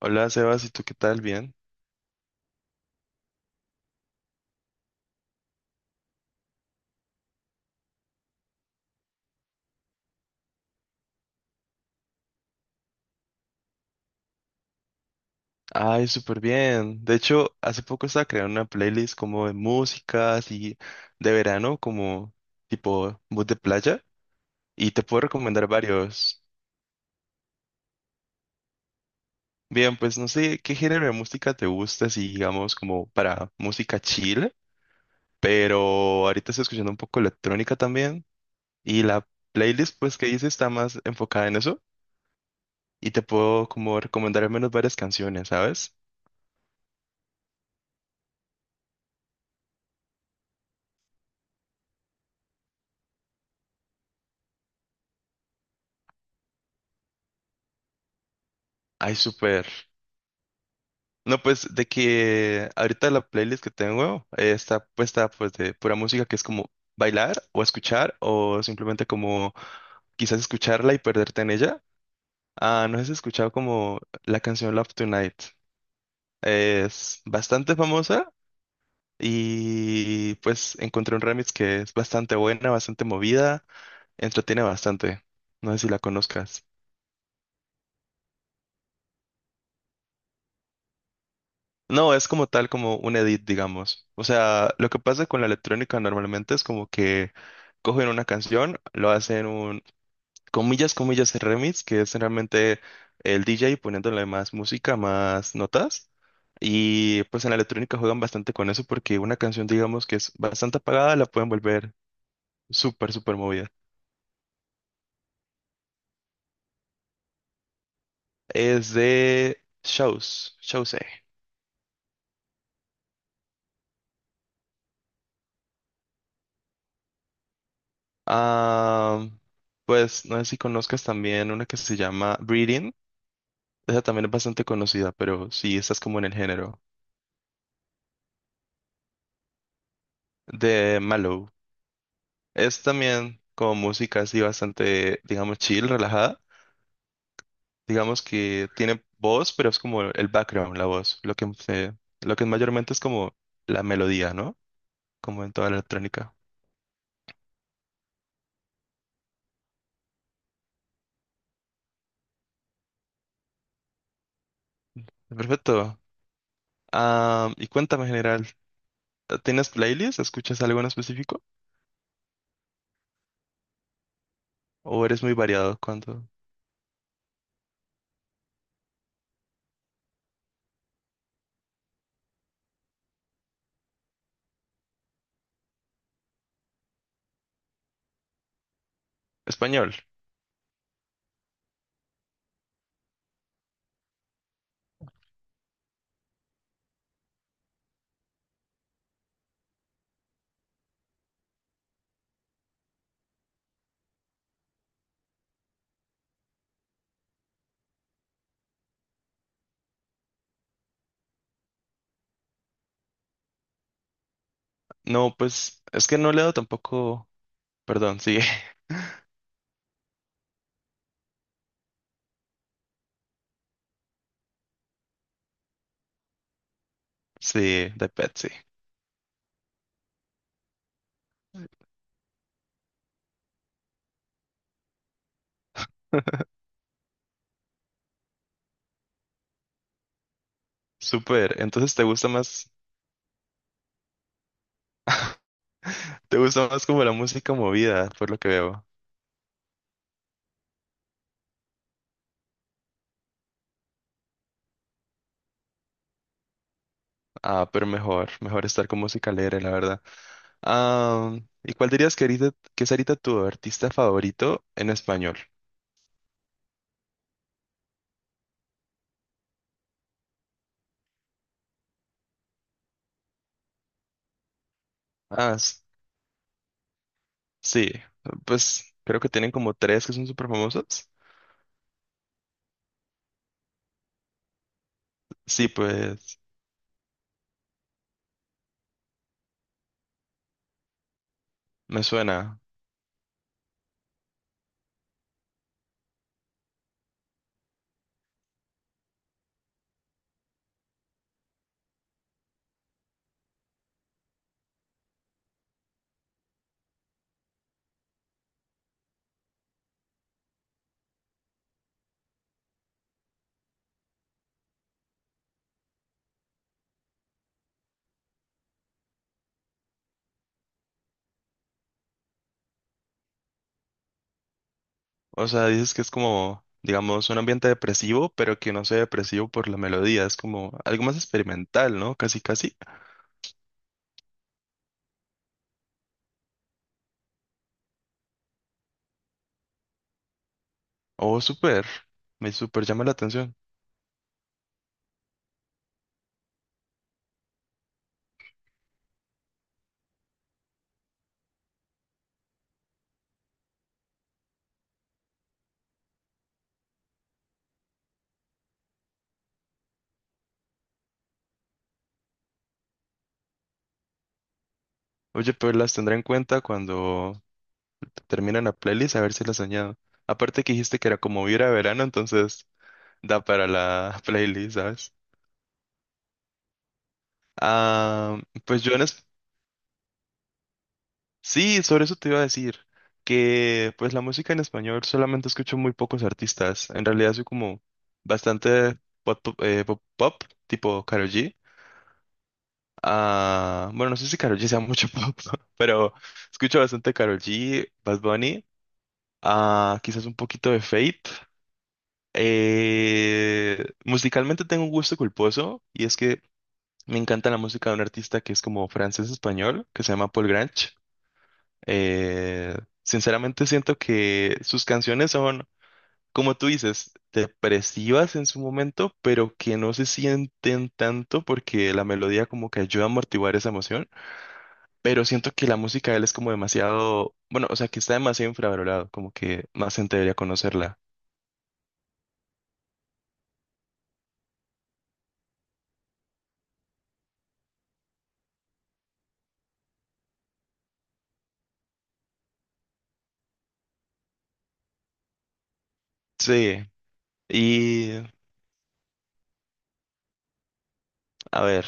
Hola Sebas, ¿y tú qué tal? ¿Bien? Ay, súper bien. De hecho, hace poco estaba creando una playlist como de música, así de verano, como tipo mood de playa, y te puedo recomendar varios. Bien, pues no sé qué género de música te gusta, si digamos como para música chill, pero ahorita estoy escuchando un poco electrónica también, y la playlist pues que hice está más enfocada en eso, y te puedo como recomendar al menos varias canciones, ¿sabes? Ay, súper. No, pues de que ahorita la playlist que tengo está puesta pues de pura música que es como bailar o escuchar o simplemente como quizás escucharla y perderte en ella. Ah, no sé si has escuchado como la canción Love Tonight. Es bastante famosa y pues encontré un remix que es bastante buena, bastante movida, entretiene bastante. No sé si la conozcas. No, es como tal, como un edit, digamos. O sea, lo que pasa con la electrónica normalmente es como que cogen una canción, lo hacen un, comillas, comillas, remix, que es realmente el DJ poniéndole más música, más notas. Y pues en la electrónica juegan bastante con eso porque una canción, digamos, que es bastante apagada, la pueden volver súper movida. Es de Shows, Shows. Ah, pues no sé si conozcas también una que se llama Breathing. Esa también es bastante conocida, pero sí, esta es como en el género de Mallow. Es también como música así bastante, digamos, chill, relajada. Digamos que tiene voz, pero es como el background, la voz. Lo que mayormente es como la melodía, ¿no? Como en toda la electrónica. Perfecto. Ah, y cuéntame en general, ¿tienes playlist? ¿Escuchas algo en específico? ¿O eres muy variado cuando... Español. No, pues es que no leo tampoco... Perdón, sí. Sí, de Pet, sí. Súper, entonces te gusta más como la música movida, por lo que veo. Ah, pero mejor, mejor estar con música alegre, la verdad. Ah, ¿y cuál dirías que ahorita, que es ahorita tu artista favorito en español? Ah, s- sí, pues creo que tienen como tres que son súper famosos. Sí, pues me suena. O sea, dices que es como, digamos, un ambiente depresivo, pero que no sea depresivo por la melodía, es como algo más experimental, ¿no? Casi, casi. Oh, súper. Me súper llama la atención. Oye, pues las tendré en cuenta cuando termine la playlist, a ver si las añado. Aparte que dijiste que era como vibra a verano, entonces da para la playlist, ¿sabes? Ah, pues yo en es- Sí, sobre eso te iba a decir. Que pues la música en español solamente escucho muy pocos artistas. En realidad soy como bastante pop, tipo Karol G. Ah, bueno, no sé si Karol G sea mucho pop, ¿no? Pero... Escucho bastante Karol G, Bad Bunny a quizás un poquito de Fate. Musicalmente tengo un gusto culposo y es que me encanta la música de un artista que es como francés-español, que se llama Paul Grange. Eh, Sinceramente siento que sus canciones son, como tú dices, depresivas en su momento, pero que no se sienten tanto porque la melodía como que ayuda a amortiguar esa emoción. Pero siento que la música de él es como demasiado, bueno, o sea, que está demasiado infravalorado, como que más gente debería conocerla. Sí. Y, a ver,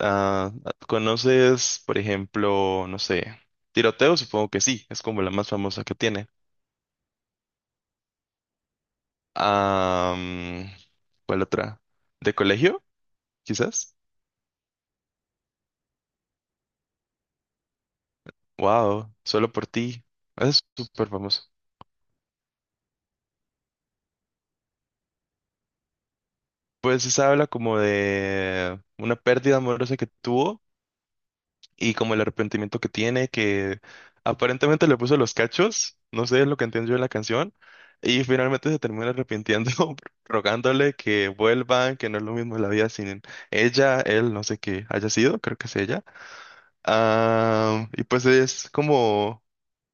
ah, ¿conoces, por ejemplo, no sé, tiroteo? Supongo que sí, es como la más famosa que tiene. Ah, mm, ¿cuál otra? ¿De colegio? Quizás. Wow, solo por ti. Es súper famoso. Pues esa habla como de una pérdida amorosa que tuvo y como el arrepentimiento que tiene, que aparentemente le puso los cachos, no sé, es lo que entendí yo de la canción, y finalmente se termina arrepintiendo, rogándole que vuelvan, que no es lo mismo la vida sin ella, él, no sé qué haya sido, creo que es ella. Ah, y pues es como...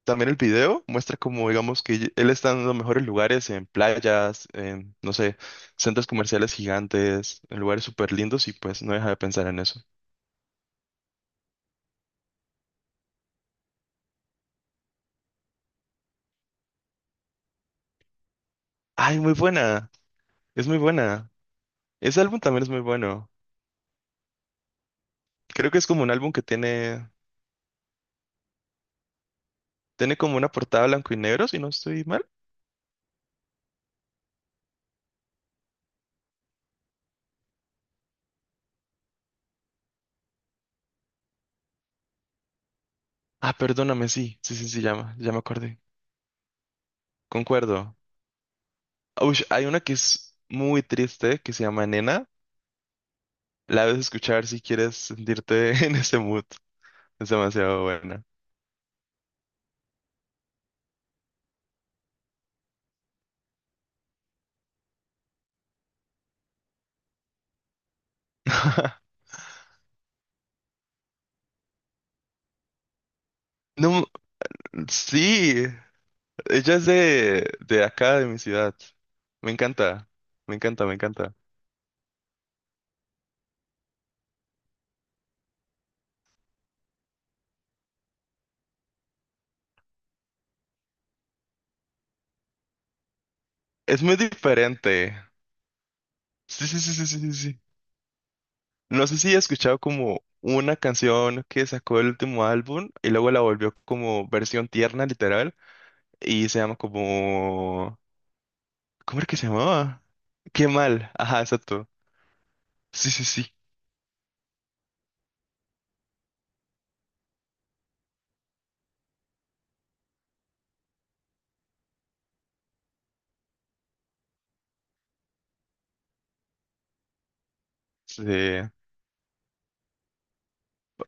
También el video muestra como, digamos, que él está en los mejores lugares, en playas, en, no sé, centros comerciales gigantes, en lugares súper lindos y pues no deja de pensar en eso. Ay, muy buena, es muy buena. Ese álbum también es muy bueno. Creo que es como un álbum que tiene, tiene como una portada blanco y negro, si no estoy mal. Ah, perdóname, sí, sí, sí, sí, ya, ya me acordé. Concuerdo. Ush, hay una que es muy triste que se llama Nena. La debes escuchar si quieres sentirte en ese mood. Es demasiado buena. No, sí, ella es de acá, de mi ciudad. Me encanta, me encanta, me encanta. Es muy diferente. Sí, sí, sí, sí, sí, sí, sí. No sé si he escuchado como una canción que sacó el último álbum y luego la volvió como versión tierna, literal, y se llama como... ¿Cómo era que se llamaba? Qué mal. Ajá, exacto. Sí, sí, sí. Sí.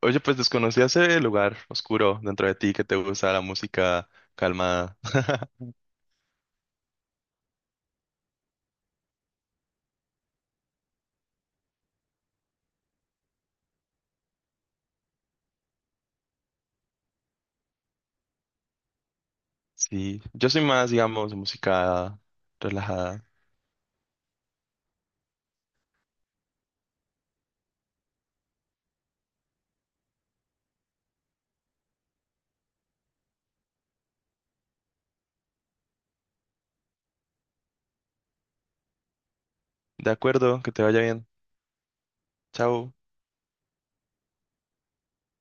Oye, pues desconocí ese lugar oscuro dentro de ti que te gusta la música calmada. Sí, yo soy más, digamos, música relajada. De acuerdo, que te vaya bien. Chao.